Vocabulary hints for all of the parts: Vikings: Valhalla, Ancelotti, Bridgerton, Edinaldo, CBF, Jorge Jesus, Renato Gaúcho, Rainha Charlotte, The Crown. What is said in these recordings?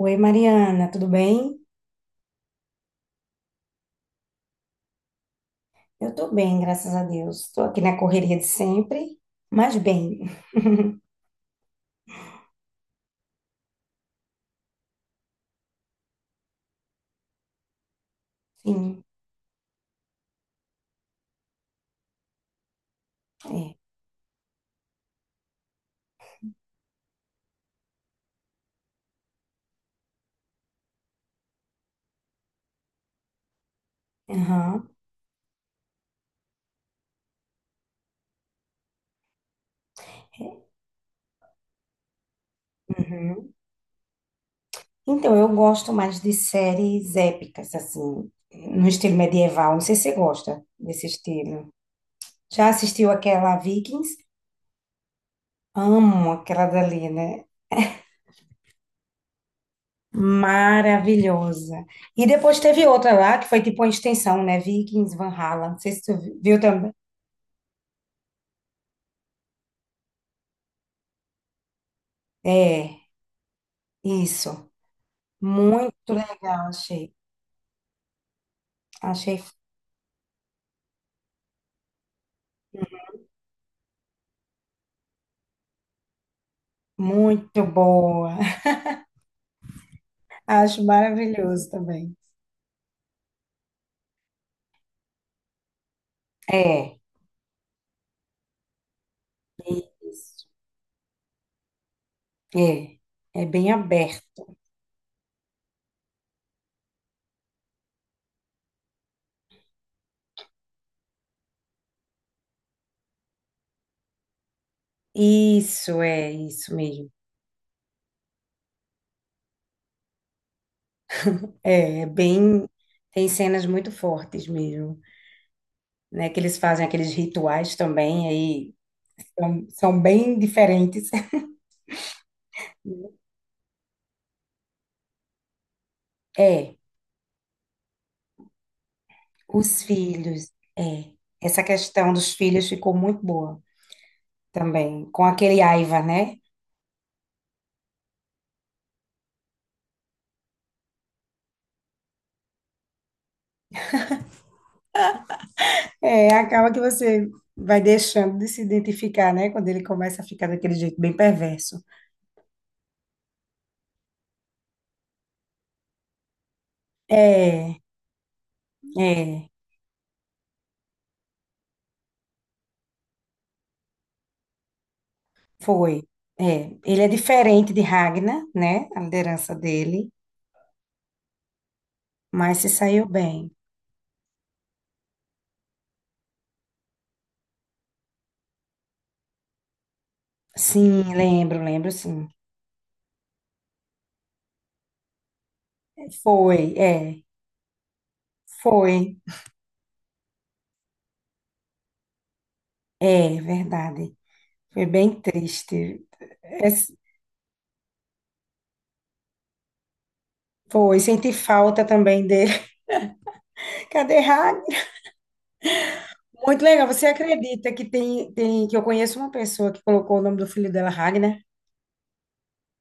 Oi, Mariana, tudo bem? Eu tô bem, graças a Deus. Estou aqui na correria de sempre, mas bem. Sim, é. Aham, é, uhum. Então, eu gosto mais de séries épicas, assim, no estilo medieval. Não sei se você gosta desse estilo. Já assistiu aquela Vikings? Amo aquela dali, né? Maravilhosa. E depois teve outra lá, que foi tipo uma extensão, né? Vikings, Valhalla. Não sei se tu viu também. É, isso. Muito legal, achei. Achei muito boa. Acho maravilhoso também. É, isso. É, é bem aberto. Isso, é isso mesmo. É, é bem, tem cenas muito fortes mesmo, né? Que eles fazem aqueles rituais também, aí são, são bem diferentes. É, os filhos, é. Essa questão dos filhos ficou muito boa também, com aquele Aiva, né? É, acaba que você vai deixando de se identificar, né? Quando ele começa a ficar daquele jeito bem perverso. É, é, foi. É, ele é diferente de Ragnar, né? A liderança dele, mas se saiu bem. Sim, lembro, lembro, sim. Foi, é, foi, é, verdade. Foi bem triste. É, foi, senti falta também dele. Cadê Ragnar? Muito legal. Você acredita que tem que eu conheço uma pessoa que colocou o nome do filho dela Ragnar?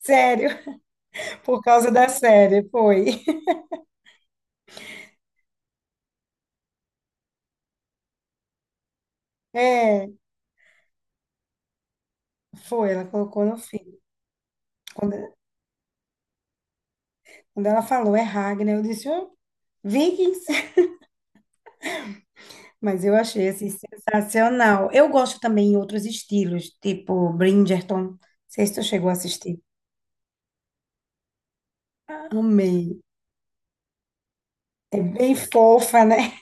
Sério, por causa da série, foi. É, foi, ela colocou no fim. Quando, quando ela falou é Ragnar, eu disse, oh, Vikings. Mas eu achei, assim, sensacional. Eu gosto também em outros estilos, tipo Bridgerton. Não sei se tu chegou a assistir. Amei. É bem fofa, né?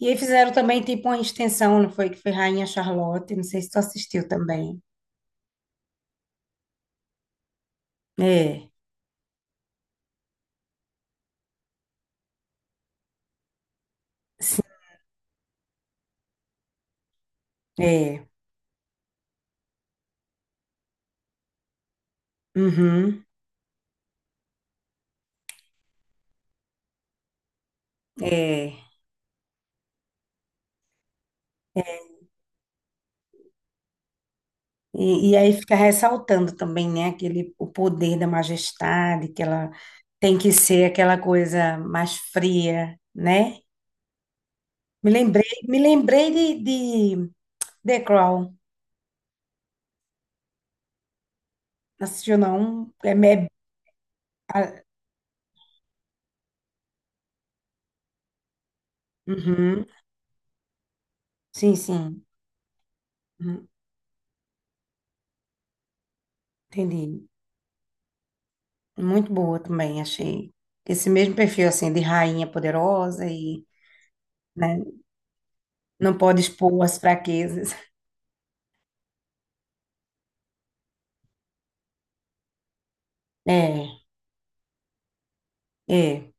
E aí fizeram também, tipo, uma extensão, não foi? Que foi Rainha Charlotte. Não sei se tu assistiu também. É, sim, é. Uhum, é. E aí fica ressaltando também, né, aquele, o poder da majestade, que ela tem que ser aquela coisa mais fria, né? Me lembrei de The Crown. Assistiu, não? É, me- ah, uhum, sim, sim. Uhum, entendi. Muito boa também, achei. Esse mesmo perfil, assim, de rainha poderosa e, né, não pode expor as fraquezas. É, é.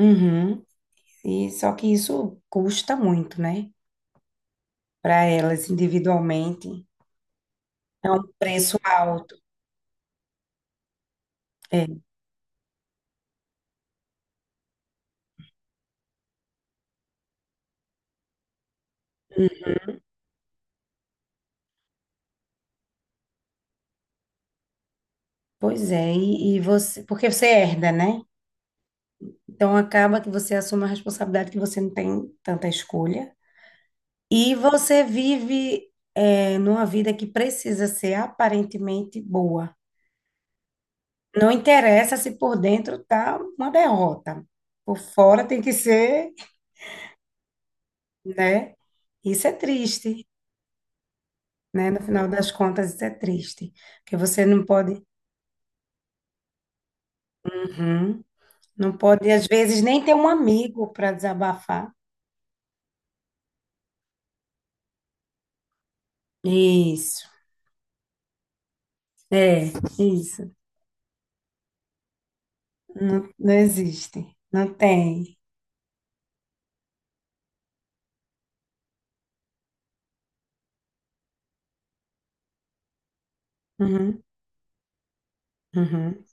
Uhum. E só que isso custa muito, né? Para elas individualmente. É um preço alto. É, pois é, e você, porque você herda, né? Então acaba que você assume a responsabilidade que você não tem tanta escolha. E você vive é, numa vida que precisa ser aparentemente boa. Não interessa se por dentro tá uma derrota. Por fora tem que ser, né? Isso é triste, né? No final das contas, isso é triste. Porque você não pode. Uhum. Não pode, às vezes, nem ter um amigo para desabafar. Isso. É, isso. Não, não existe. Não tem. Uhum, uhum.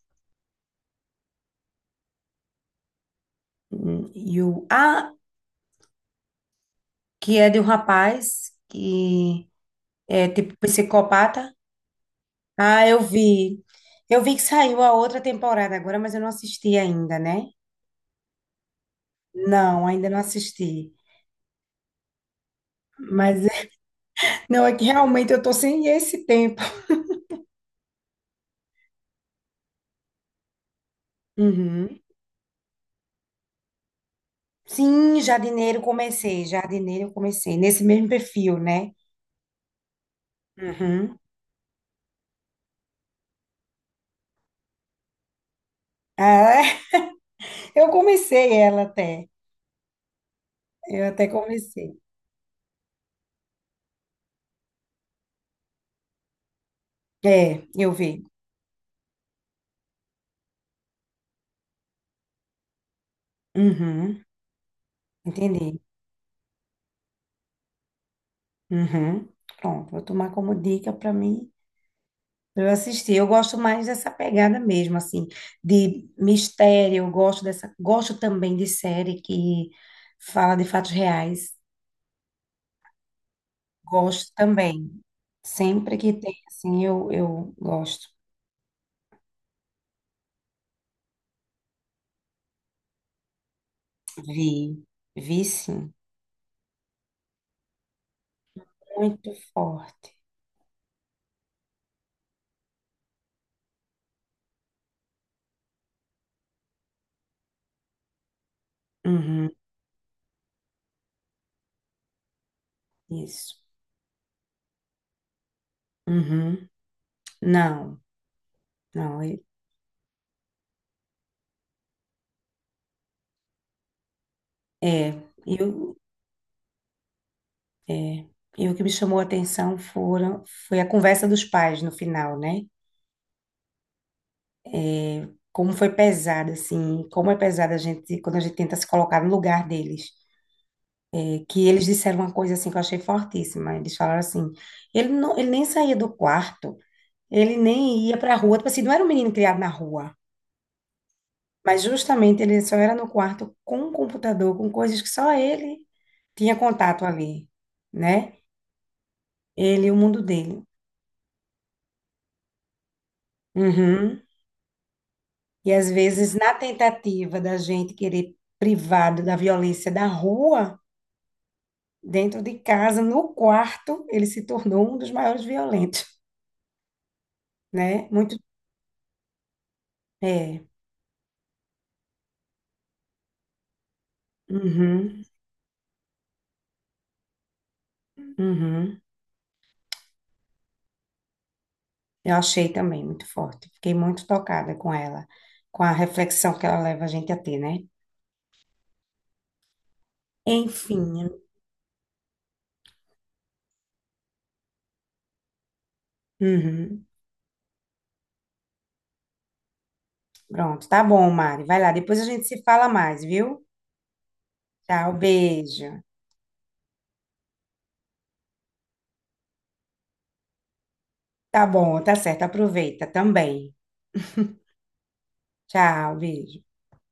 E o ah, que é de um rapaz que é tipo psicopata. Ah, eu vi. Eu vi que saiu a outra temporada agora, mas eu não assisti ainda, né? Não, ainda não assisti. Mas não, é que realmente eu tô sem esse tempo. Uhum. Sim, jardineiro comecei, jardineiro eu comecei, nesse mesmo perfil, né? Uhum. Ah, eu comecei ela até, eu até comecei. É, eu vi. Uhum, entendi. Uhum. Pronto, vou tomar como dica para mim, pra eu assistir. Eu gosto mais dessa pegada mesmo, assim, de mistério, eu gosto dessa, gosto também de série que fala de fatos reais, gosto também. Sempre que tem, assim, eu gosto. Vi, vi sim. Muito forte. Uhum, isso. Uhum. Não, não. E o e o que me chamou a atenção foram, foi a conversa dos pais no final, né? Como foi pesada, assim, como é pesada a gente, quando a gente tenta se colocar no lugar deles. É que eles disseram uma coisa, assim, que eu achei fortíssima. Eles falaram assim, ele, não, ele nem saía do quarto, ele nem ia para a rua. Tipo assim, não era um menino criado na rua. Mas justamente ele só era no quarto com o computador, com coisas que só ele tinha contato ali, né? Ele e o mundo dele. Uhum. E às vezes, na tentativa da gente querer privado da violência da rua, dentro de casa, no quarto, ele se tornou um dos maiores violentos, né? Muito. É. Uhum. Uhum. Eu achei também muito forte. Fiquei muito tocada com ela, com a reflexão que ela leva a gente a ter, né? Enfim. Uhum. Pronto, tá bom, Mari. Vai lá, depois a gente se fala mais, viu? Tchau, beijo. Tá bom, tá certo, aproveita também. Tchau, beijo.